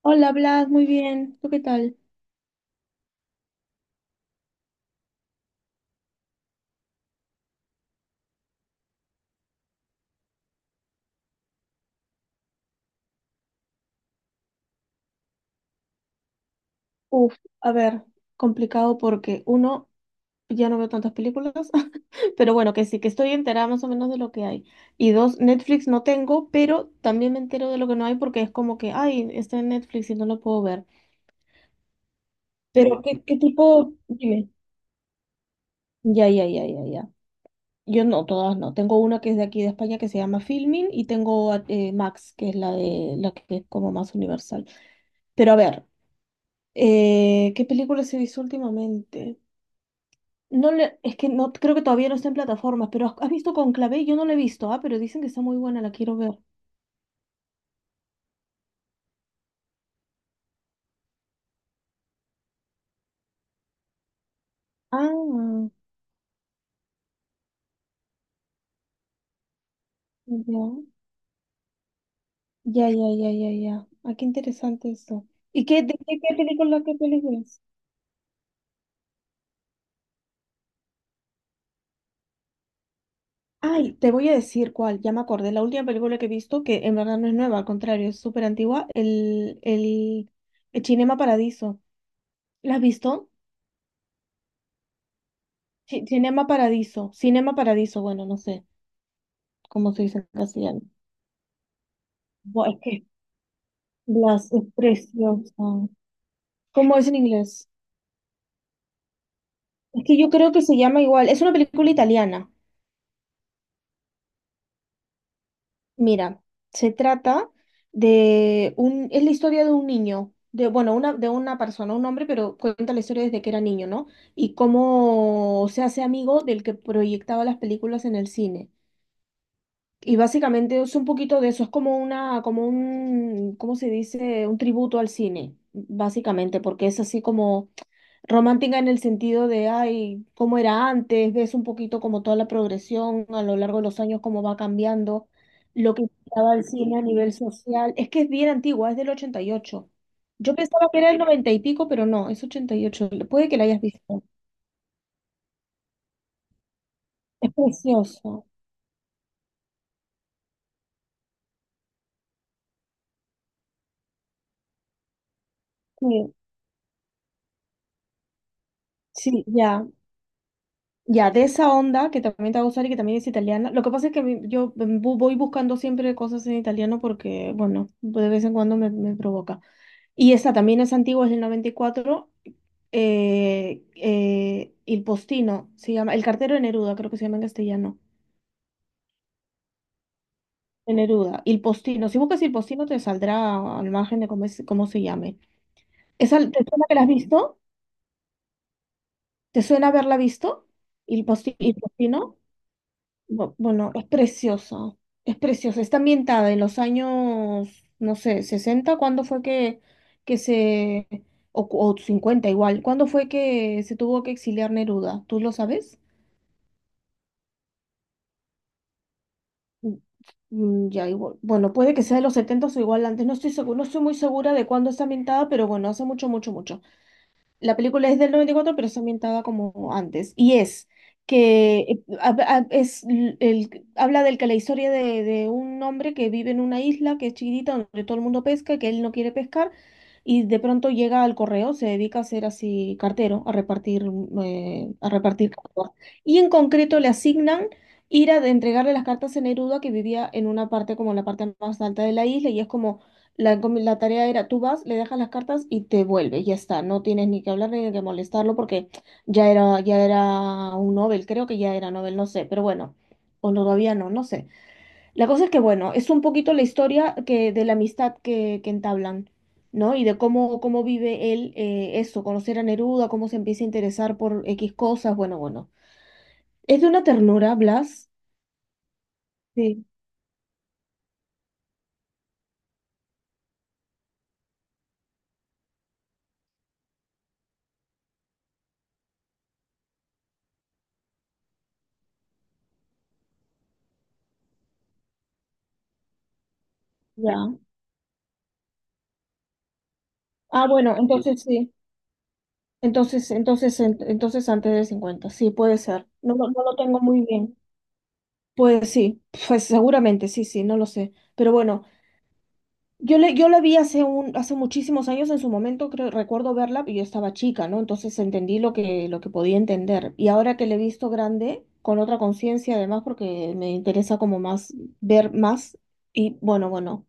Hola, Blas, muy bien. ¿Tú qué tal? Uf, a ver, complicado porque uno, ya no veo tantas películas, pero bueno, que sí, que estoy enterada más o menos de lo que hay. Y dos, Netflix no tengo, pero también me entero de lo que no hay porque es como que, ay, está en Netflix y no lo puedo ver. Pero, ¿qué tipo? Dime. Ya, ya, ya, ya, ya. Yo no, todas no. Tengo una que es de aquí de España que se llama Filmin y tengo Max, que es la de la que es como más universal. Pero a ver, ¿qué películas he visto últimamente? Es que no creo que todavía no está en plataformas, pero ¿has visto Conclave? Yo no la he visto, ah, pero dicen que está muy buena, la quiero ver. Ah, ya, ya, ya, ya, ya, ya. Ah, qué interesante esto. ¿Y qué, de qué, qué película es? Ay, te voy a decir cuál, ya me acordé, la última película que he visto, que en verdad no es nueva, al contrario, es súper antigua, el Cinema Paradiso. ¿La has visto? Cinema Paradiso, Cinema Paradiso, bueno, no sé cómo se dice en castellano. Buah, es que las es preciosa. ¿Cómo es en inglés? Es que yo creo que se llama igual. Es una película italiana. Mira, se trata de un, es la historia de un niño, de, bueno, una, de una persona, un hombre, pero cuenta la historia desde que era niño, ¿no? Y cómo se hace amigo del que proyectaba las películas en el cine. Y básicamente es un poquito de eso, es como una, como un, ¿cómo se dice? Un tributo al cine, básicamente, porque es así como romántica en el sentido de, ay, cómo era antes, ves un poquito como toda la progresión a lo largo de los años, cómo va cambiando, lo que estaba el cine a nivel social. Es que es bien antigua, es del 88. Yo pensaba que era el 90 y pico, pero no, es 88. Puede que la hayas visto. Es precioso. Sí, sí, ya. Ya, de esa onda que también te va a gustar y que también es italiana. Lo que pasa es que a yo voy buscando siempre cosas en italiano porque, bueno, de vez en cuando me provoca. Y esta también es antigua, es del 94. Il Postino, se llama, El cartero de Neruda, creo que se llama en castellano. De Neruda, Il Postino. Si buscas Il Postino te saldrá al margen de cómo, cómo se llame. ¿Te suena que la has visto? ¿Te suena haberla visto? Il Postino. Bueno, es preciosa, es preciosa. Está ambientada en los años, no sé, 60. ¿Cuándo fue que, que se, o 50 igual, cuándo fue que se tuvo que exiliar Neruda? ¿Tú lo sabes? Mm, mm, ya, igual. Bueno, puede que sea de los 70 o igual antes, no estoy seguro, no estoy muy segura de cuándo está ambientada, pero bueno, hace mucho, mucho, mucho. La película es del 94, pero está ambientada como antes. Y es que habla del que la historia de un hombre que vive en una isla que es chiquitita, donde todo el mundo pesca, que él no quiere pescar, y de pronto llega al correo, se dedica a ser así cartero, a repartir cartas. Y en concreto le asignan ir a entregarle las cartas a Neruda, que vivía en una parte como en la parte más alta de la isla, y es como la tarea era, tú vas, le dejas las cartas y te vuelves, ya está, no tienes ni que hablar ni que molestarlo porque ya era un Nobel, creo que ya era Nobel, no sé, pero bueno, o no, todavía no, no sé. La cosa es que bueno, es un poquito la historia que, de la amistad que entablan, ¿no? Y de cómo vive él eso, conocer a Neruda, cómo se empieza a interesar por X cosas, bueno, bueno. Es de una ternura, Blas. Sí, ya. Ah, bueno, entonces sí. Entonces antes del 50, sí, puede ser. No, no lo tengo muy bien. Pues sí, pues seguramente, sí, sí, no lo sé. Pero bueno, yo la vi hace muchísimos años en su momento, creo, recuerdo verla, y yo estaba chica, ¿no? Entonces entendí lo que podía entender. Y ahora que la he visto grande, con otra conciencia además, porque me interesa como más ver más. Y bueno, bueno,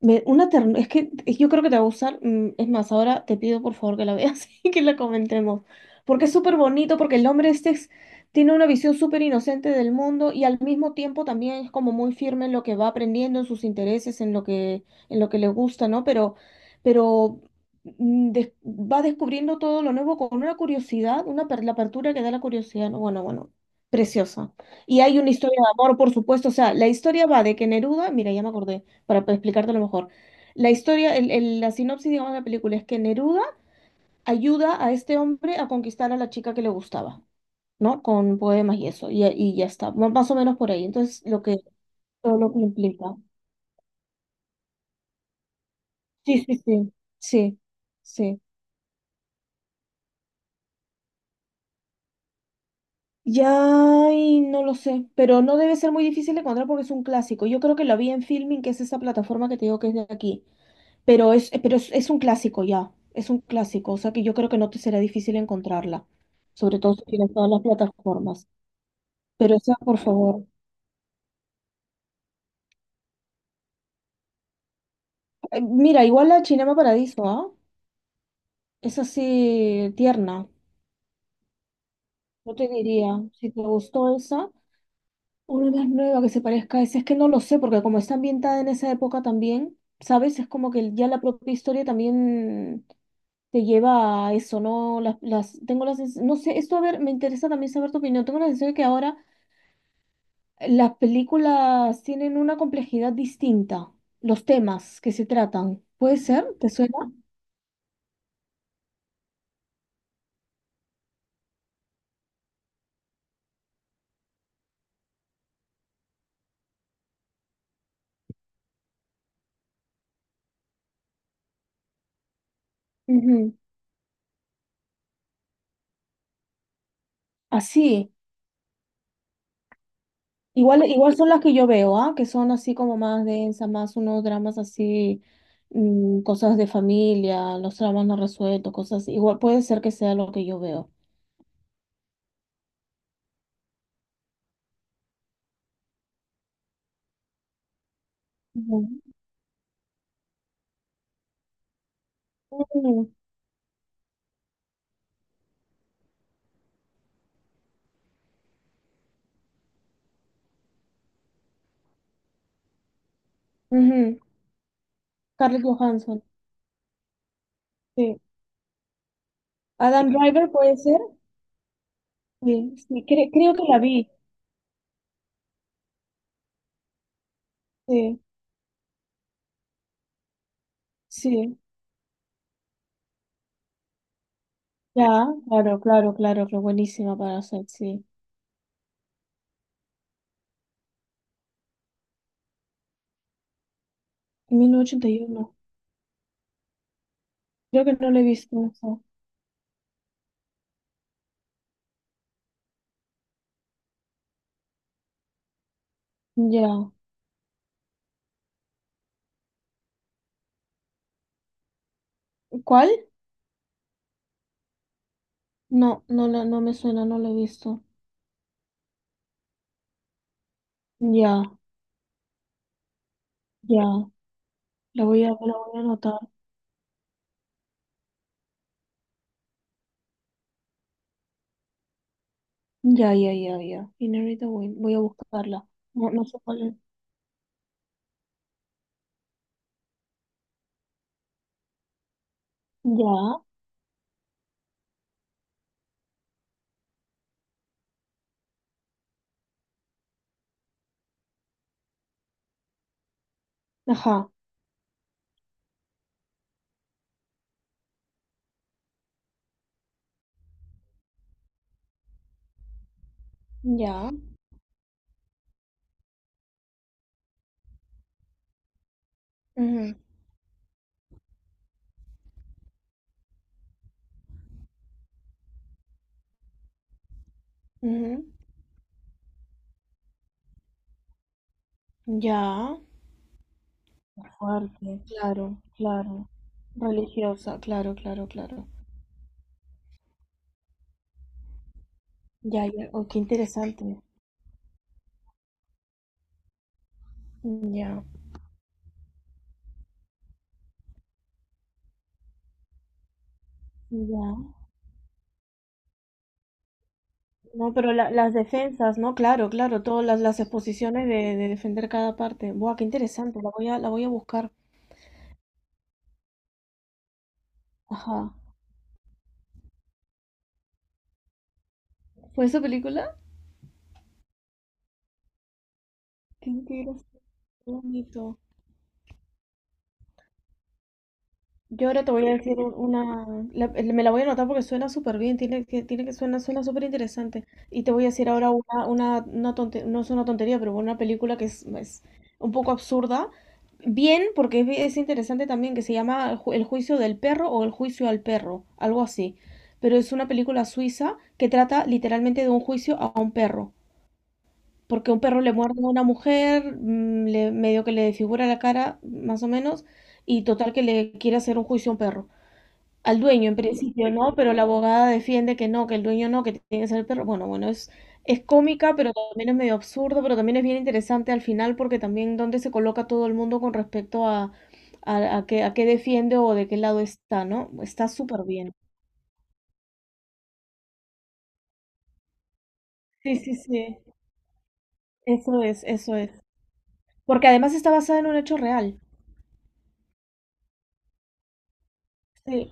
es que yo creo que te va a gustar. Es más, ahora te pido por favor que la veas y que la comentemos. Porque es súper bonito, porque el hombre este tiene una visión súper inocente del mundo y al mismo tiempo también es como muy firme en lo que va aprendiendo, en sus intereses, en lo que le gusta, ¿no? Pero va descubriendo todo lo nuevo con una curiosidad, la apertura que da la curiosidad, ¿no? Bueno, bueno, preciosa. Y hay una historia de amor, por supuesto. O sea, la historia va de que Neruda, mira, ya me acordé para explicártelo mejor. La historia, la sinopsis, digamos, de la película es que Neruda ayuda a este hombre a conquistar a la chica que le gustaba, ¿no? Con poemas y eso, y ya está, más o menos por ahí. Entonces, todo lo que implica. Sí, sí, sí, sí, sí. Ya, y no lo sé, pero no debe ser muy difícil de encontrar porque es un clásico. Yo creo que lo vi en Filming, que es esa plataforma que te digo que es de aquí. Es un clásico ya, es un clásico, o sea que yo creo que no te será difícil encontrarla, sobre todo si tienes todas las plataformas. Pero esa, por favor. Mira, igual la Cinema Paradiso, ¿ah? Es así tierna. Yo te diría, si te gustó esa, una más nueva que se parezca a esa, es que no lo sé, porque como está ambientada en esa época también, ¿sabes? Es como que ya la propia historia también te lleva a eso, ¿no? Tengo las, no sé, esto a ver, me interesa también saber tu opinión. Tengo la sensación de que ahora las películas tienen una complejidad distinta, los temas que se tratan. ¿Puede ser? ¿Te suena? Ujú. Así. Igual son las que yo veo, ¿ah? Que son así como más densas, más unos dramas así, cosas de familia, los dramas no resueltos, cosas así. Igual puede ser que sea lo que yo veo. Ujú. Ujú. Ujú. Scarlett Johansson. Sí. Adam Driver puede ser. Sí, sí. Creo que la vi. Sí, sí. Ya, claro, claro, claro, que buenísima para hacer, sí. 1981. Creo que no la he visto eso. Ya. ¿Cuál? No, no, no me suena, no la he visto. Ya, ya. La voy a anotar. Ya, ya, ya, ya. Inherit the Wind. Voy a buscarla. No, no sé cuál es. Ya. Ajá. Ya. Ujú, ujú. Ya. Fuerte. Claro, claro. Religiosa, claro, claro, claro. Ya, ya. Oh, qué interesante. Ya, ya. No, pero las defensas, ¿no? Claro, claro, todas las exposiciones de defender cada parte. Buah, qué interesante, la voy a buscar. Ajá. ¿Fue esa película? Qué interesante, qué bonito. Yo ahora te voy a decir me la voy a anotar porque suena súper bien, suena súper interesante. Y te voy a decir ahora no es una tontería, pero una película que es un poco absurda. Bien, porque es interesante también, que se llama El juicio del perro o El juicio al perro, algo así. Pero es una película suiza que trata literalmente de un juicio a un perro. Porque un perro le muerde a una mujer, medio que le desfigura la cara, más o menos, y total que le quiere hacer un juicio a un perro. Al dueño en principio no, pero la abogada defiende que no, que el dueño no, que tiene que ser el perro. Bueno, bueno, es cómica, pero también es medio absurdo, pero también es bien interesante al final porque también dónde se coloca todo el mundo con respecto a qué defiende o de qué lado está, ¿no? Está súper bien. Sí, sí, sí, eso es, eso es. Porque además está basada en un hecho real. Sí,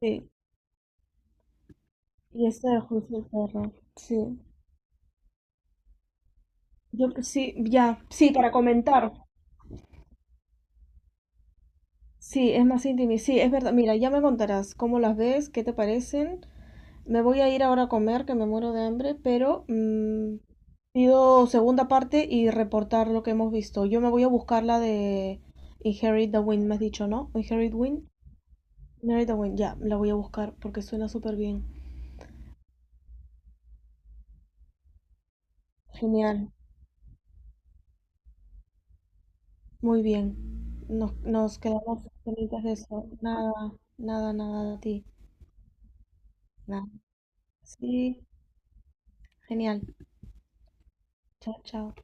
sí. Y está el juicio del perro. Sí. Yo sí, ya, sí, para comentar. Sí, es más íntimo y sí, es verdad. Mira, ya me contarás cómo las ves, qué te parecen. Me voy a ir ahora a comer, que me muero de hambre, pero pido segunda parte y reportar lo que hemos visto. Yo me voy a buscar la de Inherit the Wind, me has dicho, ¿no? Inherit Wind. Inherit the Wind, ya, la voy a buscar porque suena súper bien. Genial, muy bien. Nos quedamos pendientes de eso. Nada, nada, nada de ti. Nada. Sí, genial. Chao, chao.